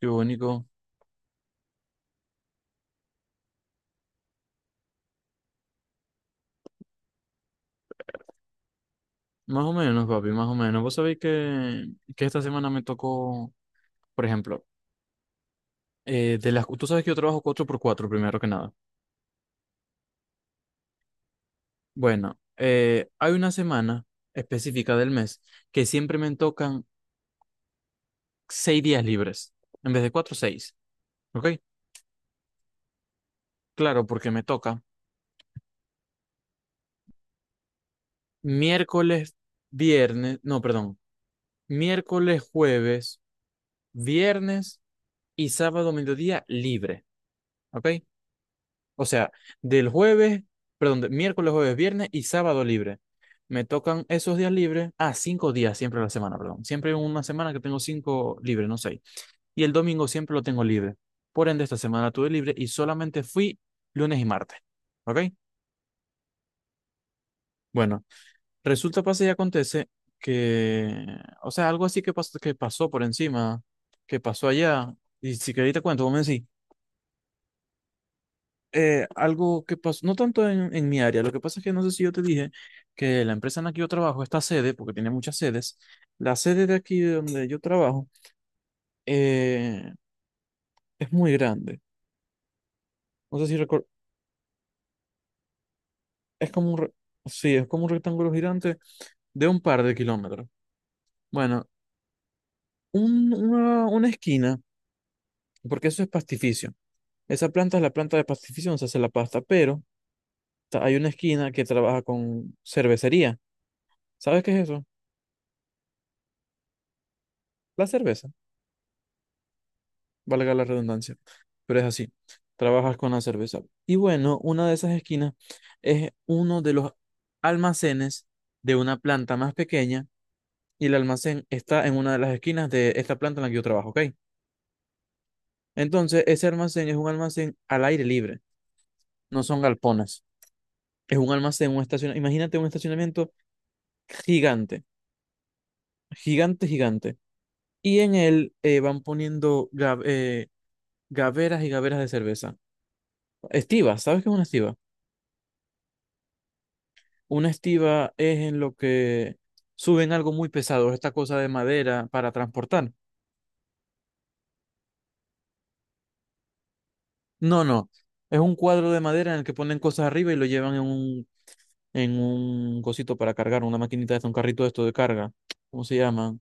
Qué bonito. Más o menos, papi, más o menos. Vos sabéis que esta semana me tocó, por ejemplo, tú sabes que yo trabajo cuatro por cuatro primero que nada. Bueno, hay una semana específica del mes que siempre me tocan seis días libres, en vez de cuatro, seis. ¿Ok? Claro, porque me toca miércoles, viernes, no, perdón, miércoles, jueves, viernes y sábado, mediodía libre. ¿Ok? O sea, del jueves, perdón, de miércoles, jueves, viernes y sábado libre. Me tocan esos días libres. Ah, cinco días siempre a la semana, perdón. Siempre hay una semana que tengo cinco libres, no seis. Y el domingo siempre lo tengo libre. Por ende, esta semana tuve libre y solamente fui lunes y martes. ¿Ok? Bueno, resulta, pasa y acontece que, o sea, algo así que pasó por encima, que pasó allá. Y si queréis te cuento, vos me decís. Algo que pasó, no tanto en mi área, lo que pasa es que no sé si yo te dije que la empresa en la que yo trabajo, esta sede, porque tiene muchas sedes, la sede de aquí de donde yo trabajo eh, es muy grande. No sé si recuerdo, es como un, re- sí, es como un rectángulo gigante de un par de kilómetros. Bueno, una esquina, porque eso es pastificio. Esa planta es la planta de pastificio donde se hace la pasta, pero hay una esquina que trabaja con cervecería. ¿Sabes qué es eso? La cerveza. Valga la redundancia, pero es así, trabajas con la cerveza. Y bueno, una de esas esquinas es uno de los almacenes de una planta más pequeña y el almacén está en una de las esquinas de esta planta en la que yo trabajo, ¿ok? Entonces, ese almacén es un almacén al aire libre, no son galpones, es un almacén, un estacionamiento, imagínate un estacionamiento gigante, gigante, gigante. Y en él van poniendo gaveras y gaveras de cerveza. Estiva, ¿sabes qué es una estiva? Una estiva es en lo que suben algo muy pesado, esta cosa de madera para transportar. No, no. Es un cuadro de madera en el que ponen cosas arriba y lo llevan en un cosito para cargar, una maquinita de un carrito de esto de carga. ¿Cómo se llama?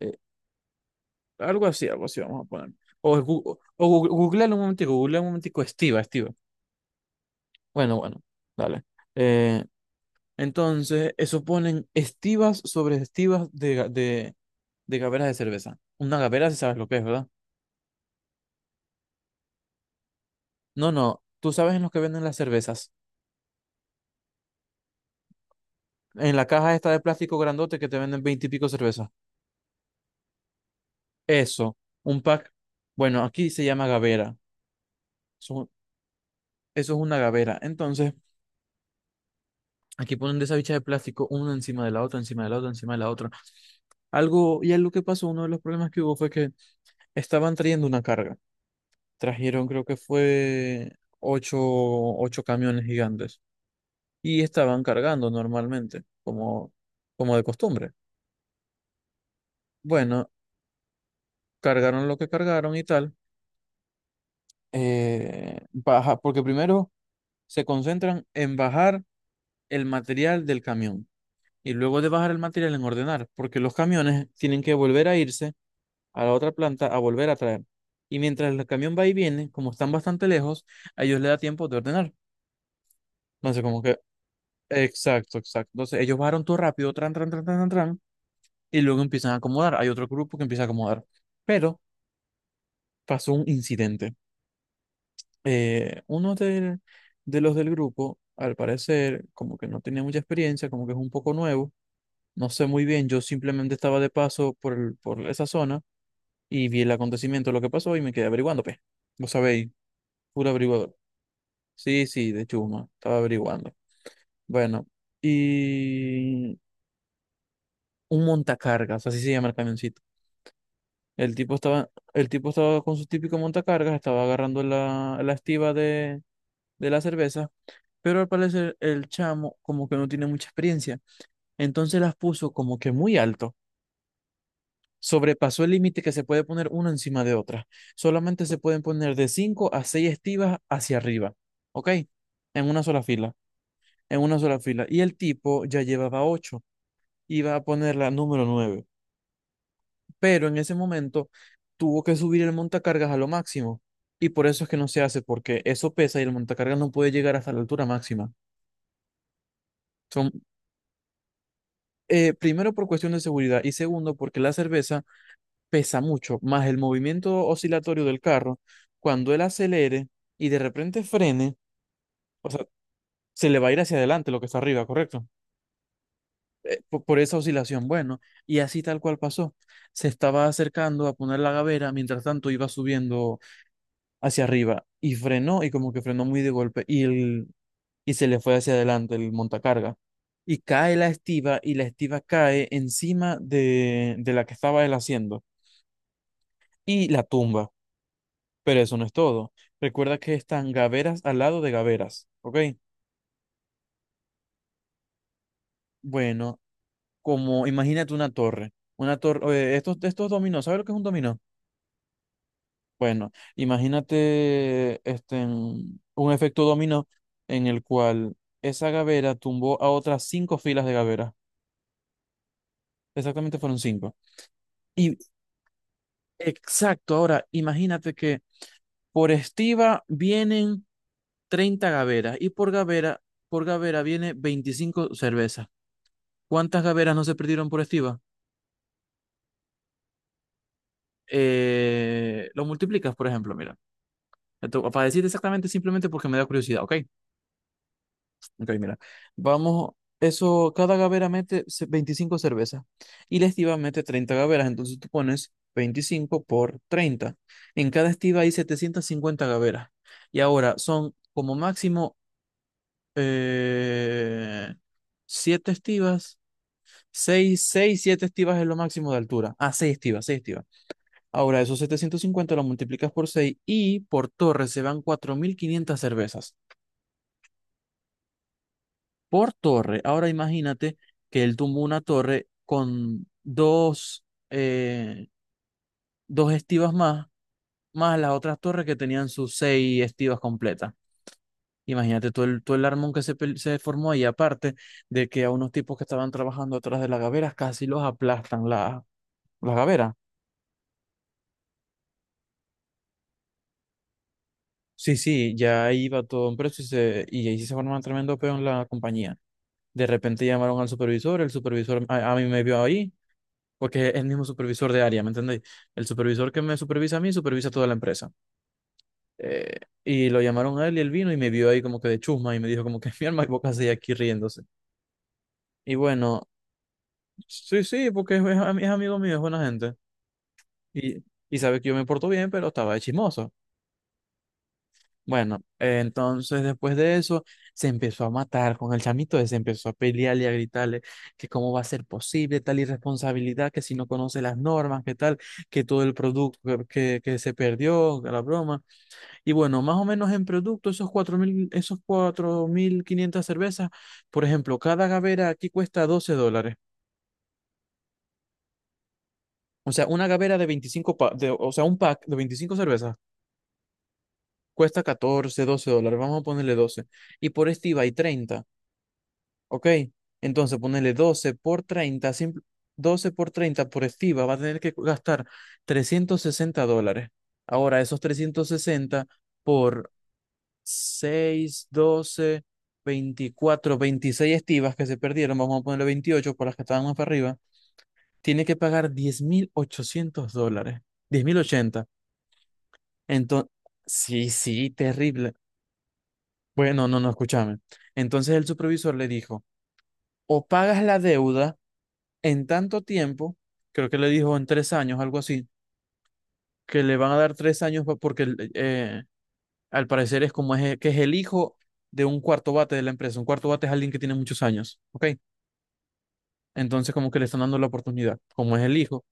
Eh, Algo así, algo así vamos a poner. O, es gu- o gu- googlealo un momentico, estiva, estiva. Bueno, bueno, dale. Eh, entonces, eso ponen estivas sobre estivas de gaveras de cerveza. Una gavera, si sabes lo que es, ¿verdad? No, no, tú sabes en los que venden las cervezas. En la caja esta de plástico grandote que te venden 20 y pico cervezas. Eso, un pack. Bueno, aquí se llama gavera. Eso, eso es una gavera. Entonces, aquí ponen de esa bicha de plástico una encima de la otra, encima de la otra, encima de la otra. Algo, y algo que pasó, uno de los problemas que hubo fue que estaban trayendo una carga. Trajeron, creo que fue ocho camiones gigantes. Y estaban cargando normalmente, como de costumbre. Bueno, cargaron lo que cargaron y tal, baja, porque primero se concentran en bajar el material del camión y luego de bajar el material en ordenar, porque los camiones tienen que volver a irse a la otra planta a volver a traer. Y mientras el camión va y viene, como están bastante lejos, a ellos les da tiempo de ordenar. Entonces, como que, exacto, exacto. Entonces, ellos bajaron todo rápido, tran, tran, tran, tran, tran, tran, y luego empiezan a acomodar. Hay otro grupo que empieza a acomodar. Pero pasó un incidente. eh, uno del- de los del grupo, al parecer, como que no tenía mucha experiencia, como que es un poco nuevo, no sé muy bien, yo simplemente estaba de paso por, por esa zona y vi el acontecimiento, lo que pasó y me quedé averiguando, pues, vos sabéis, puro averiguador. Sí, sí, de chuma, estaba averiguando. Bueno, y un montacargas, así se llama el camioncito. El tipo estaba con su típico montacargas, estaba agarrando la estiba de la cerveza, pero al parecer el chamo como que no tiene mucha experiencia. Entonces las puso como que muy alto. Sobrepasó el límite que se puede poner una encima de otra. Solamente se pueden poner de 5 a 6 estivas hacia arriba. ¿Ok? En una sola fila. En una sola fila. Y el tipo ya llevaba ocho. Iba a poner la número nueve, pero en ese momento tuvo que subir el montacargas a lo máximo. Y por eso es que no se hace, porque eso pesa y el montacargas no puede llegar hasta la altura máxima. Son, primero por cuestión de seguridad y segundo porque la cerveza pesa mucho, más el movimiento oscilatorio del carro, cuando él acelere y de repente frene, o sea, se le va a ir hacia adelante lo que está arriba, ¿correcto? Por esa oscilación, bueno, y así tal cual pasó. Se estaba acercando a poner la gavera, mientras tanto iba subiendo hacia arriba y frenó y como que frenó muy de golpe y se le fue hacia adelante el montacarga. Y cae la estiba y la estiba cae encima de la que estaba él haciendo y la tumba. Pero eso no es todo. Recuerda que están gaveras al lado de gaveras, ¿ok? Bueno, como imagínate una torre. Una torre, estos dominó, ¿sabes lo que es un dominó? Bueno, imagínate este, en un efecto dominó en el cual esa gavera tumbó a otras cinco filas de gaveras. Exactamente fueron cinco. Y exacto, ahora imagínate que por estiva vienen 30 gaveras y por gavera viene 25 cervezas. ¿Cuántas gaveras no se perdieron por estiva? Lo multiplicas, por ejemplo, mira. Para decirte exactamente, simplemente porque me da curiosidad, ¿ok? Ok, mira. Vamos, eso, cada gavera mete 25 cervezas y la estiva mete 30 gaveras, entonces tú pones 25 por 30. En cada estiva hay 750 gaveras. Y ahora son como máximo eh, 7 estivas, 7 estivas es lo máximo de altura. Ah, seis estivas. Ahora esos 750 lo multiplicas por 6 y por torre se van 4.500 cervezas. Por torre. Ahora imagínate que él tumbó una torre con eh, dos estivas más, más las otras torres que tenían sus seis estivas completas. Imagínate todo todo el armón que se formó ahí, aparte de que a unos tipos que estaban trabajando atrás de las gaveras casi los aplastan las gaveras. Sí, sí, ya ahí iba todo en precio y ahí sí se formó un tremendo peo en la compañía. De repente llamaron al supervisor, el supervisor a mí me vio ahí. Porque es el mismo supervisor de área, ¿me entendéis? El supervisor que me supervisa a mí, supervisa toda la empresa. Eh, y lo llamaron a él y él vino y me vio ahí como que de chusma y me dijo como que mi alma y boca así aquí riéndose. Y bueno, sí, sí, porque es amigo mío, es buena gente. Y, y sabe que yo me porto bien, pero estaba de chismoso. Bueno, entonces después de eso se empezó a matar con el chamito ese, empezó a pelearle y a gritarle que cómo va a ser posible tal irresponsabilidad, que si no conoce las normas, que tal, que todo el producto que se perdió, que la broma. Y bueno, más o menos en producto, esos 4.500 cervezas, por ejemplo, cada gavera aquí cuesta $12. O sea, una gavera de 25 o sea, un pack de 25 cervezas cuesta 14 $12. Vamos a ponerle 12. Y por este iba y treinta. Ok, entonces ponerle 12 por 30, 12 por 30 por estiva, va a tener que gastar $360. Ahora, esos 360 por 6, 12, 24, 26 estivas que se perdieron, vamos a ponerle 28 por las que estaban más para arriba, tiene que pagar $10.800, 10.080. Entonces, sí, sí, terrible. Bueno, no, no, escúchame. Entonces el supervisor le dijo: o pagas la deuda en tanto tiempo, creo que le dijo en 3 años, algo así, que le van a dar 3 años porque al parecer es como es, que es el hijo de un cuarto bate de la empresa. Un cuarto bate es alguien que tiene muchos años, ¿ok? Entonces como que le están dando la oportunidad, como es el hijo,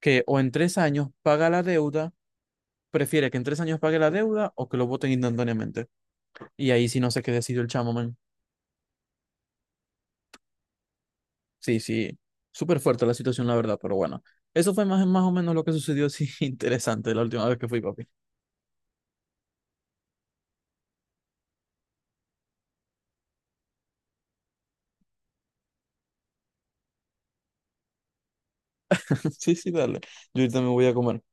que o en 3 años paga la deuda, prefiere que en 3 años pague la deuda o que lo voten instantáneamente. Y ahí sí no sé qué decidió el chamo, man. Sí, sí, súper fuerte la situación, la verdad, pero bueno, eso fue más, más o menos lo que sucedió, sí, interesante la última vez que fui, papi. Sí, sí, dale, yo ahorita me voy a comer.